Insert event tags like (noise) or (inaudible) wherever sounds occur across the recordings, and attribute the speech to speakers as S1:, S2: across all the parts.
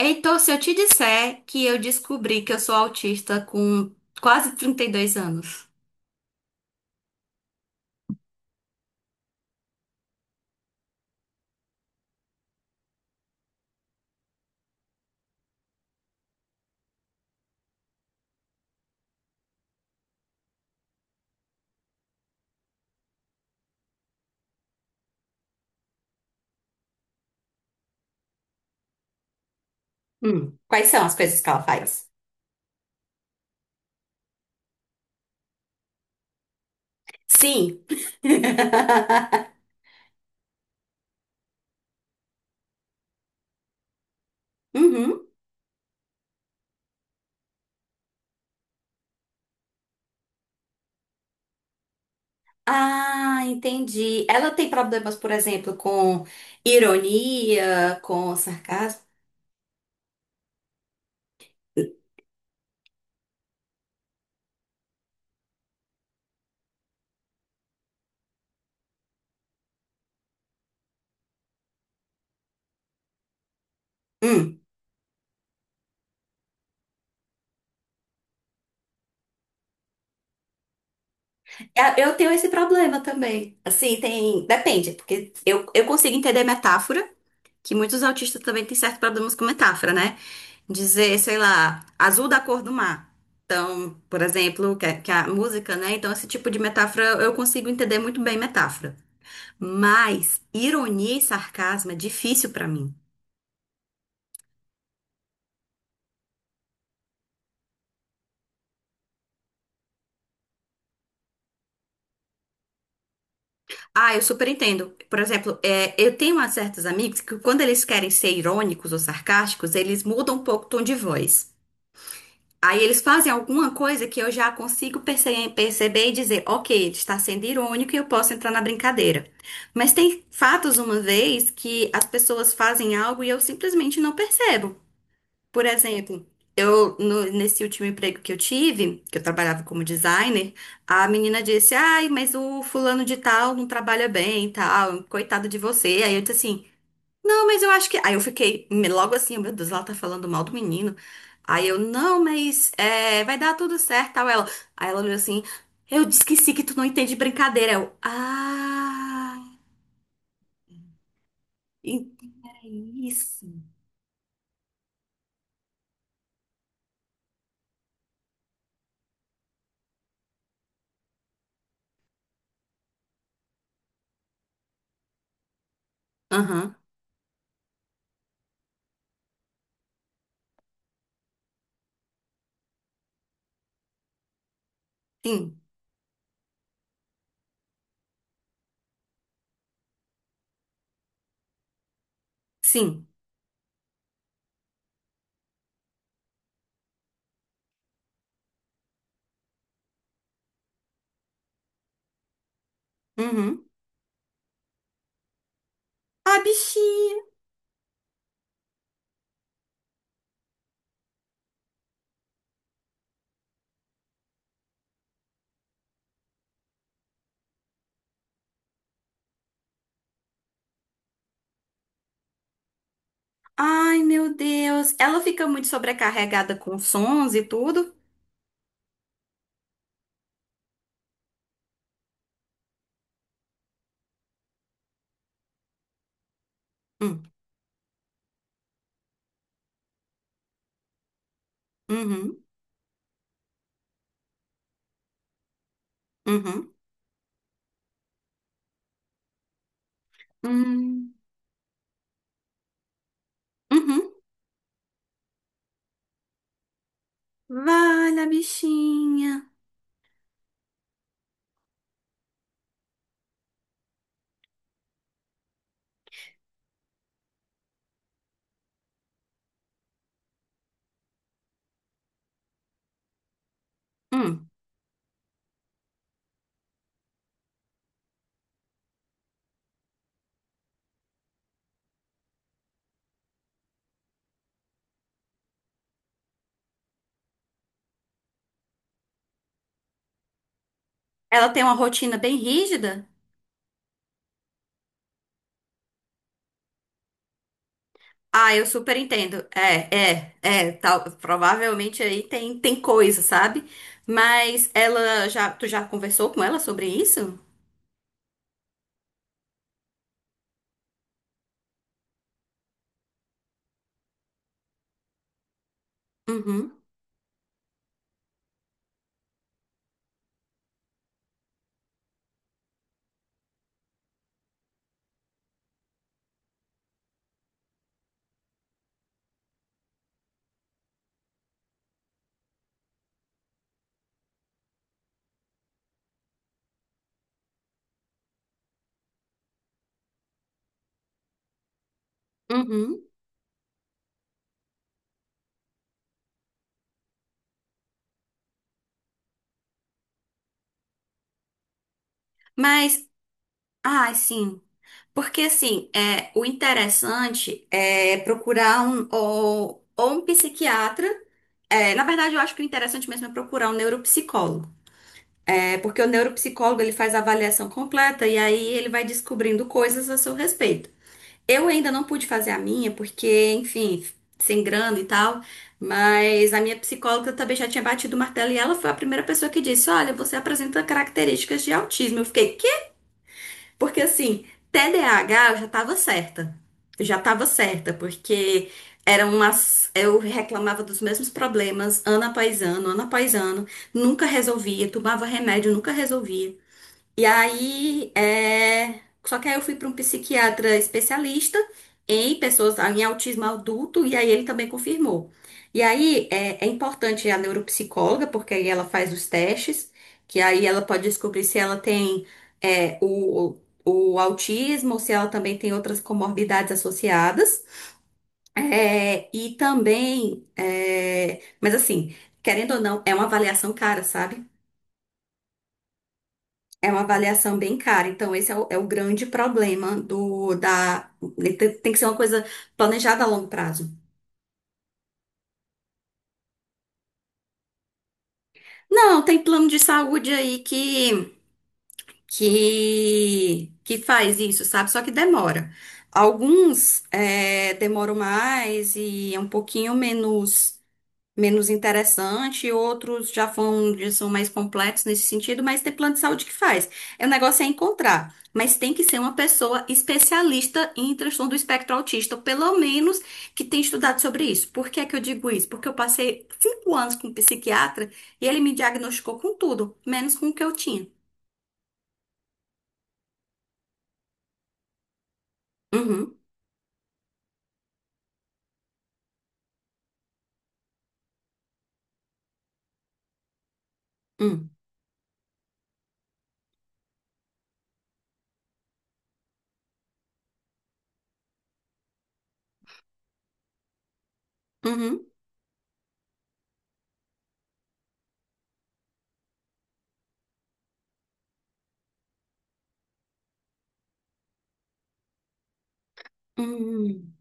S1: Heitor, se eu te disser que eu descobri que eu sou autista com quase 32 anos. Quais são as coisas que ela faz? Sim. (laughs) Uhum. Ah, entendi. Ela tem problemas, por exemplo, com ironia, com sarcasmo. Hum. É, eu tenho esse problema também. Assim, tem. Depende, porque eu consigo entender metáfora, que muitos autistas também têm certos problemas com metáfora, né? Dizer, sei lá, azul da cor do mar. Então, por exemplo, que, que é a música, né? Então, esse tipo de metáfora eu consigo entender muito bem metáfora. Mas ironia e sarcasmo é difícil pra mim. Ah, eu super entendo. Por exemplo, eu tenho umas certos amigos que quando eles querem ser irônicos ou sarcásticos, eles mudam um pouco o tom de voz. Aí eles fazem alguma coisa que eu já consigo perceber e dizer, ok, ele está sendo irônico e eu posso entrar na brincadeira. Mas tem fatos uma vez que as pessoas fazem algo e eu simplesmente não percebo. Por exemplo, eu nesse último emprego que eu tive, que eu trabalhava como designer, a menina disse, ai, mas o fulano de tal não trabalha bem, e tal, coitado de você. Aí eu disse assim, não, mas eu acho que. Aí eu fiquei logo assim, meu Deus, ela tá falando mal do menino. Aí eu, não, mas é, vai dar tudo certo, tal. Ela, aí ela olhou assim, eu disse que sim, que tu não entende brincadeira. Eu, ah, ent- é isso. Aham, sim, sim. Uhum. Ah, bichinha. Ai, meu Deus. Ela fica muito sobrecarregada com sons e tudo. Hum. Uhum, uhum, uhum, uhum. Vale a bichinha. Hum. Ela tem uma rotina bem rígida? Ah, eu super entendo. É, é, é, tal, provavelmente aí tem, tem coisa, sabe? Mas ela já, tu já conversou com ela sobre isso? Uhum, uhum. Mas, ah, sim. Porque assim, é, o interessante é procurar um ou um psiquiatra. É, na verdade, eu acho que o interessante mesmo é procurar um neuropsicólogo. É porque o neuropsicólogo ele faz a avaliação completa e aí ele vai descobrindo coisas a seu respeito. Eu ainda não pude fazer a minha, porque, enfim, sem grana e tal, mas a minha psicóloga também já tinha batido o martelo e ela foi a primeira pessoa que disse: Olha, você apresenta características de autismo. Eu fiquei, quê? Porque assim, TDAH eu já tava certa. Eu já tava certa, porque eram umas. Eu reclamava dos mesmos problemas ano após ano, nunca resolvia, tomava remédio, nunca resolvia. E aí, é... só que aí eu fui para um psiquiatra especialista em pessoas em autismo adulto, e aí ele também confirmou. E aí é, é importante a neuropsicóloga, porque aí ela faz os testes, que aí ela pode descobrir se ela tem é, o autismo ou se ela também tem outras comorbidades associadas. É, e também, é, mas assim, querendo ou não, é uma avaliação cara, sabe? É uma avaliação bem cara, então esse é o, é o grande problema do da tem, tem que ser uma coisa planejada a longo prazo. Não, tem plano de saúde aí que faz isso, sabe? Só que demora. Alguns é, demoram mais e é um pouquinho menos menos interessante, outros já vão, já são mais completos nesse sentido, mas tem plano de saúde que faz. É, o negócio é encontrar, mas tem que ser uma pessoa especialista em transtorno do espectro autista, ou pelo menos que tenha estudado sobre isso. Por que é que eu digo isso? Porque eu passei 5 anos com um psiquiatra e ele me diagnosticou com tudo, menos com o que eu tinha. Uhum, hum, uhum, uhum, uhum.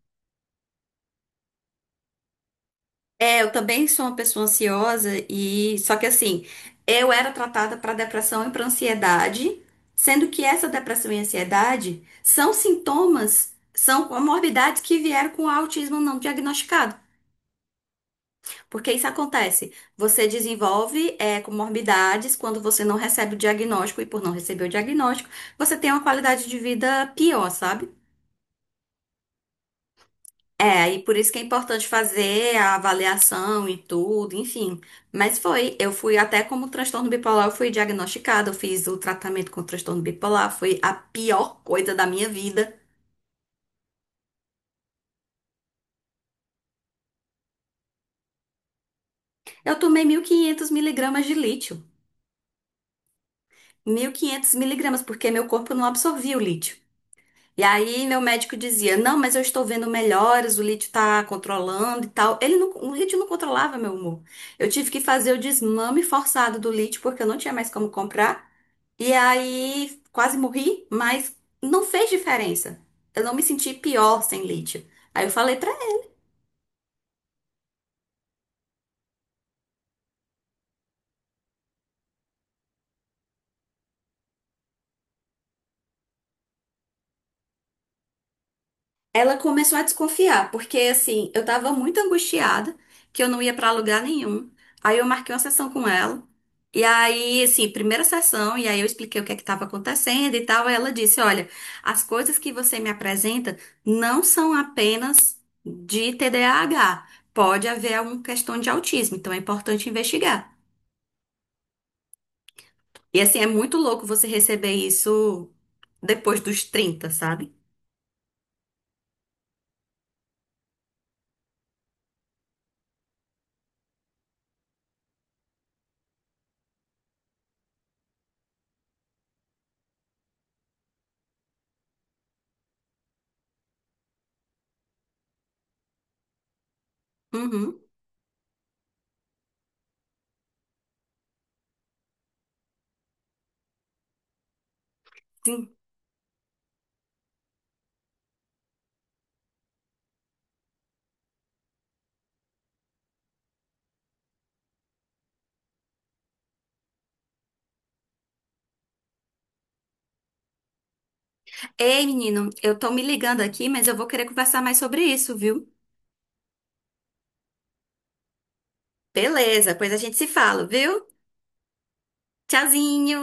S1: É, eu também sou uma pessoa ansiosa e só que assim, eu era tratada para depressão e para ansiedade, sendo que essa depressão e ansiedade são sintomas, são comorbidades que vieram com autismo não diagnosticado. Porque isso acontece, você desenvolve é, comorbidades quando você não recebe o diagnóstico e por não receber o diagnóstico, você tem uma qualidade de vida pior, sabe? É, e por isso que é importante fazer a avaliação e tudo, enfim. Mas foi, eu fui até como transtorno bipolar, eu fui diagnosticada, eu fiz o tratamento com transtorno bipolar, foi a pior coisa da minha vida. Eu tomei 1500 miligramas de lítio. 1500 miligramas, porque meu corpo não absorvia o lítio. E aí meu médico dizia, não, mas eu estou vendo melhoras, o lítio tá controlando e tal. Ele não, o lítio não controlava meu humor. Eu tive que fazer o desmame forçado do lítio, porque eu não tinha mais como comprar. E aí quase morri, mas não fez diferença. Eu não me senti pior sem lítio. Aí eu falei pra ela. Ela começou a desconfiar, porque assim, eu tava muito angustiada, que eu não ia pra lugar nenhum. Aí eu marquei uma sessão com ela. E aí, assim, primeira sessão, e aí eu expliquei o que é que estava acontecendo e tal. Aí ela disse: Olha, as coisas que você me apresenta não são apenas de TDAH. Pode haver alguma questão de autismo, então é importante investigar. E assim, é muito louco você receber isso depois dos 30 sabe? Uhum. Sim. Ei, menino, eu tô me ligando aqui, mas eu vou querer conversar mais sobre isso, viu? Beleza, pois a gente se fala, viu? Tchauzinho!